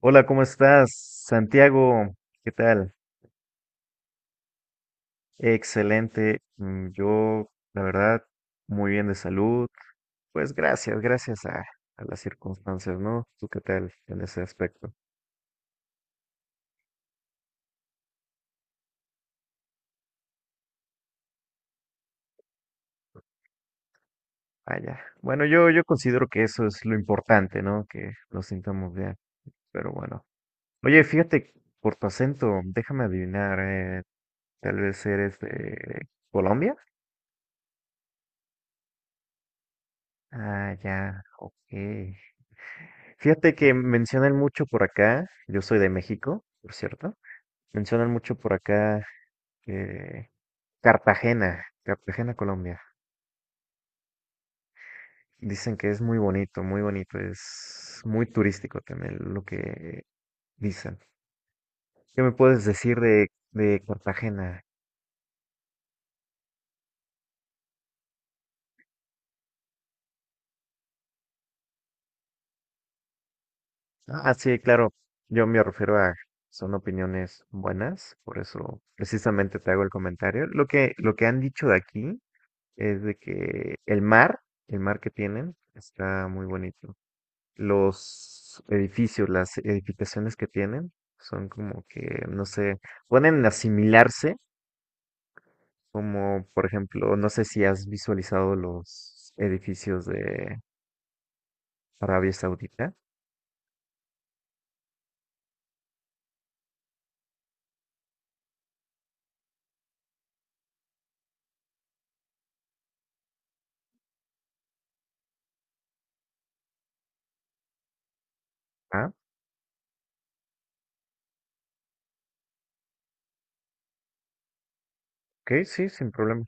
Hola, ¿cómo estás? Santiago, ¿qué tal? Excelente. Yo, la verdad, muy bien de salud. Pues gracias, gracias a las circunstancias, ¿no? ¿Tú qué tal en ese aspecto? Vaya. Bueno, yo considero que eso es lo importante, ¿no? Que nos sintamos bien. Pero bueno. Oye, fíjate, por tu acento, déjame adivinar, tal vez eres de Colombia. Ah, ya, ok. Fíjate que mencionan mucho por acá, yo soy de México, por cierto, mencionan mucho por acá eh, Cartagena, Cartagena, Colombia. Dicen que es muy bonito, es muy turístico también lo que dicen. ¿Qué me puedes decir de Cartagena? Ah, sí, claro, yo me refiero a, son opiniones buenas, por eso precisamente te hago el comentario. Lo que han dicho de aquí es de que el mar que tienen, está muy bonito. Los edificios, las edificaciones que tienen, son como que, no sé, pueden asimilarse, como por ejemplo, no sé si has visualizado los edificios de Arabia Saudita. Ah, ok, sí, sin problema.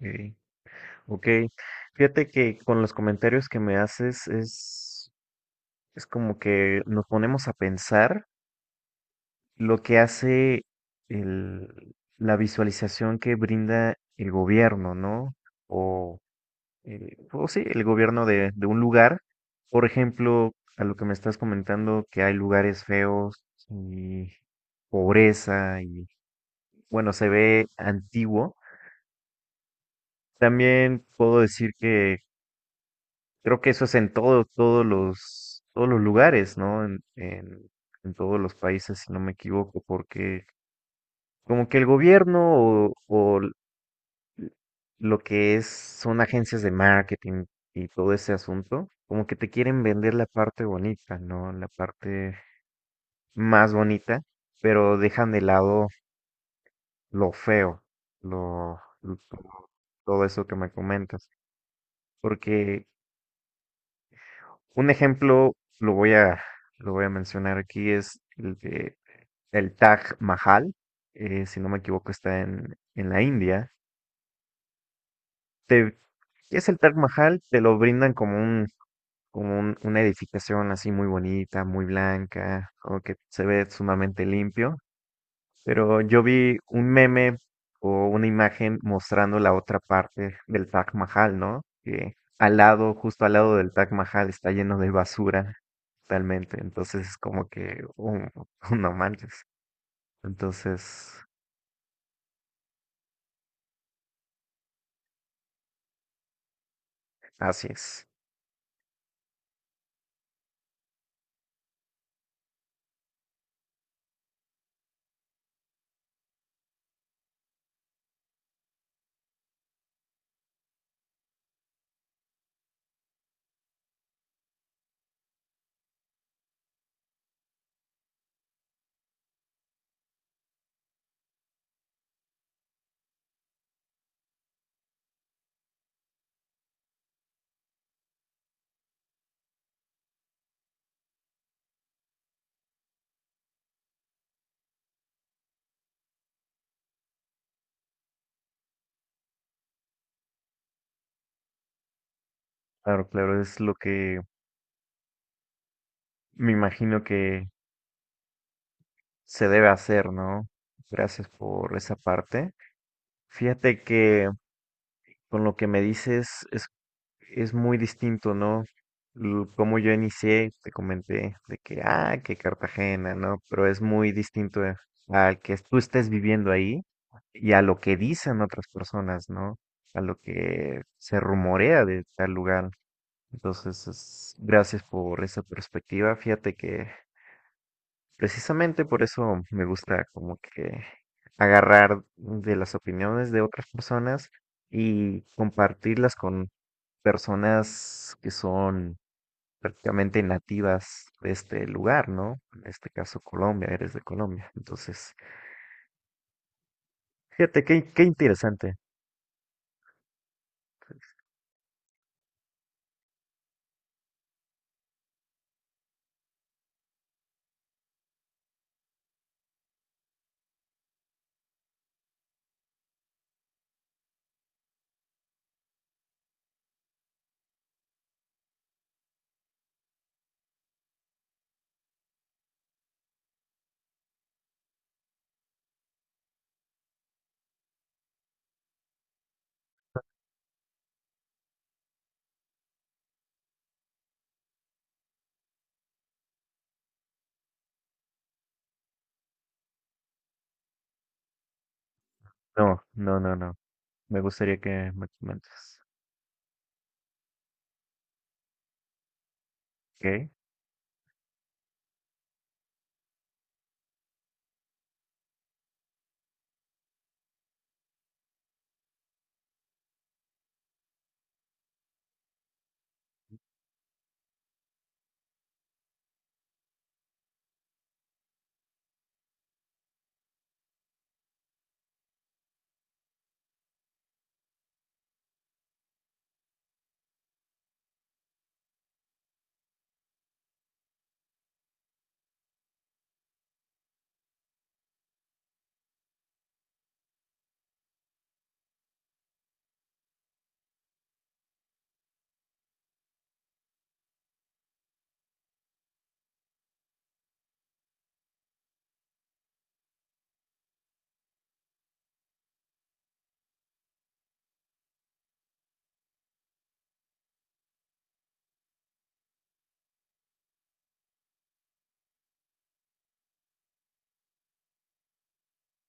Ok, ok, fíjate que con los comentarios que me haces es como que nos ponemos a pensar lo que hace la visualización que brinda el gobierno, ¿no? O, o sí, el gobierno de un lugar. Por ejemplo, a lo que me estás comentando, que hay lugares feos y pobreza y, bueno, se ve antiguo. También puedo decir que creo que eso es en todo, todos los lugares, ¿no? En todos los países, si no me equivoco, porque como que el gobierno o lo que es, son agencias de marketing y todo ese asunto, como que te quieren vender la parte bonita, ¿no? La parte más bonita, pero dejan de lado lo feo, lo, lo- todo eso que me comentas. Porque un ejemplo, lo voy a, lo voy a mencionar aquí, es el de el Taj Mahal, si no me equivoco, está en la India. Te, ¿Qué es el Taj Mahal? Te lo brindan como un una edificación así muy bonita, muy blanca, como que se ve sumamente limpio, pero yo vi un meme o una imagen mostrando la otra parte del Taj Mahal, ¿no? Que al lado, justo al lado del Taj Mahal está lleno de basura totalmente, entonces es como que, un no manches, entonces, así es. Claro, claro, es lo que me imagino que se debe hacer, ¿no? Gracias por esa parte. Fíjate que con lo que me dices es muy distinto, ¿no? Como yo inicié, te comenté de que, ah, que Cartagena, ¿no? Pero es muy distinto al que tú estés viviendo ahí y a lo que dicen otras personas, ¿no? A lo que se rumorea de tal lugar. Entonces, gracias por esa perspectiva. Fíjate que precisamente por eso me gusta como que agarrar de las opiniones de otras personas y compartirlas con personas que son prácticamente nativas de este lugar, ¿no? En este caso Colombia, eres de Colombia. Entonces, fíjate, qué interesante. No, no, no, no. Me gustaría que me comentes. Ok,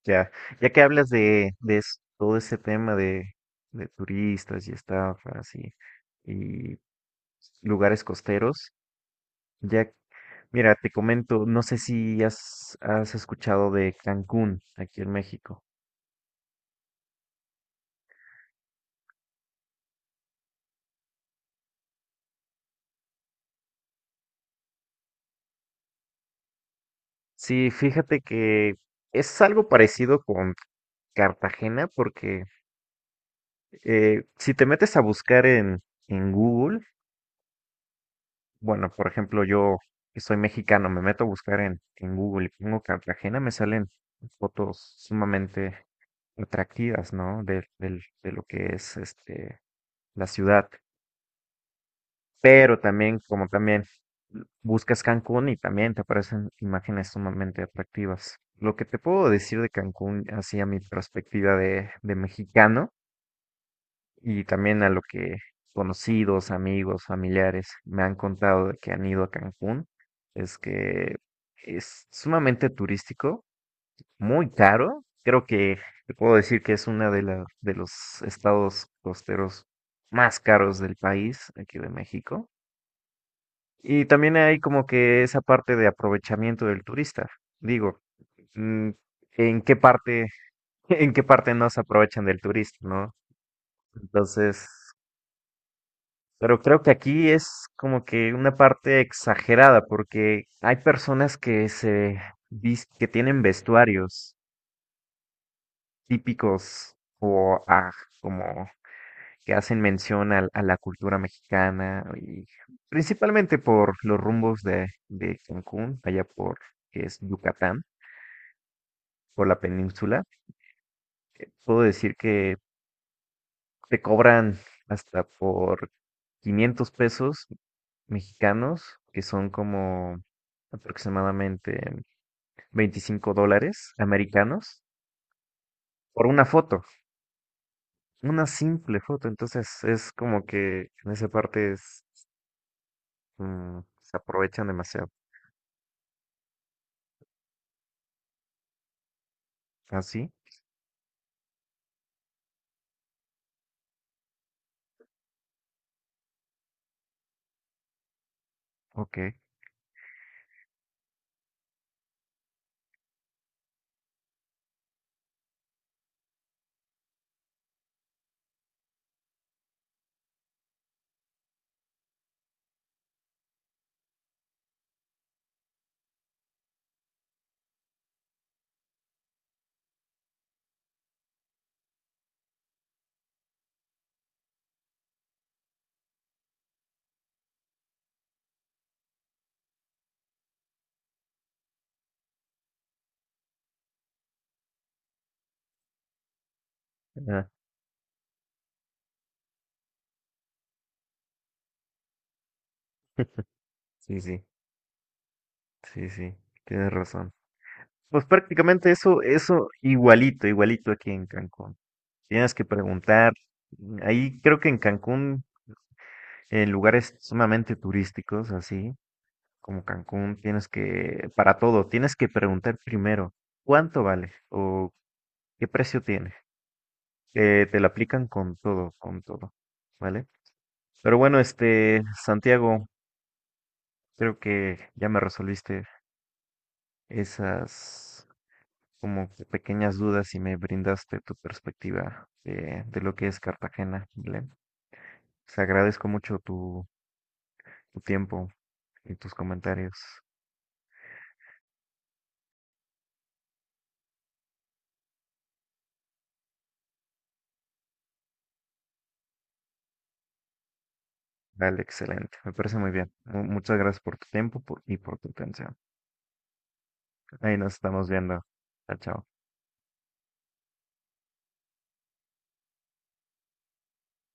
ya, ya que hablas de todo ese tema de turistas y estafas y lugares costeros, ya, mira, te comento, no sé si has, has escuchado de Cancún, aquí en México. Sí, fíjate que es algo parecido con Cartagena porque si te metes a buscar en Google, bueno, por ejemplo, yo que soy mexicano, me meto a buscar en Google y pongo Cartagena, me salen fotos sumamente atractivas, ¿no? De lo que es este, la ciudad. Pero también, como también buscas Cancún y también te aparecen imágenes sumamente atractivas. Lo que te puedo decir de Cancún, así a mi perspectiva de mexicano y también a lo que conocidos, amigos, familiares me han contado de que han ido a Cancún, es que es sumamente turístico, muy caro. Creo que te puedo decir que es una de la de los estados costeros más caros del país, aquí de México y también hay como que esa parte de aprovechamiento del turista. Digo, mm, ¿en qué parte, en qué parte no se aprovechan del turista, ¿no? Entonces, pero creo que aquí es como que una parte exagerada, porque hay personas que que tienen vestuarios típicos o ah, como que hacen mención a, la cultura mexicana y principalmente por los rumbos de Cancún, allá por que es Yucatán. Por la península, puedo decir que te cobran hasta por $500 mexicanos, que son como aproximadamente $25 americanos, por una foto, una simple foto. Entonces es como que en esa parte es, se aprovechan demasiado. ¿Ah, sí? Ok. Ah, sí, sí, sí, sí, tienes razón. Pues prácticamente eso, eso igualito, igualito aquí en Cancún. Tienes que preguntar. Ahí creo que en Cancún, en lugares sumamente turísticos, así como Cancún, tienes que, para todo, tienes que preguntar primero cuánto vale o qué precio tiene. Te lo aplican con todo, ¿vale? Pero bueno, este, Santiago, creo que ya me resolviste esas como que pequeñas dudas y me brindaste tu perspectiva de lo que es Cartagena, Belén. Te agradezco mucho tu, tu tiempo y tus comentarios. Vale, excelente. Me parece muy bien. Muchas gracias por tu tiempo y por tu atención. Ahí nos estamos viendo. Chao, chao.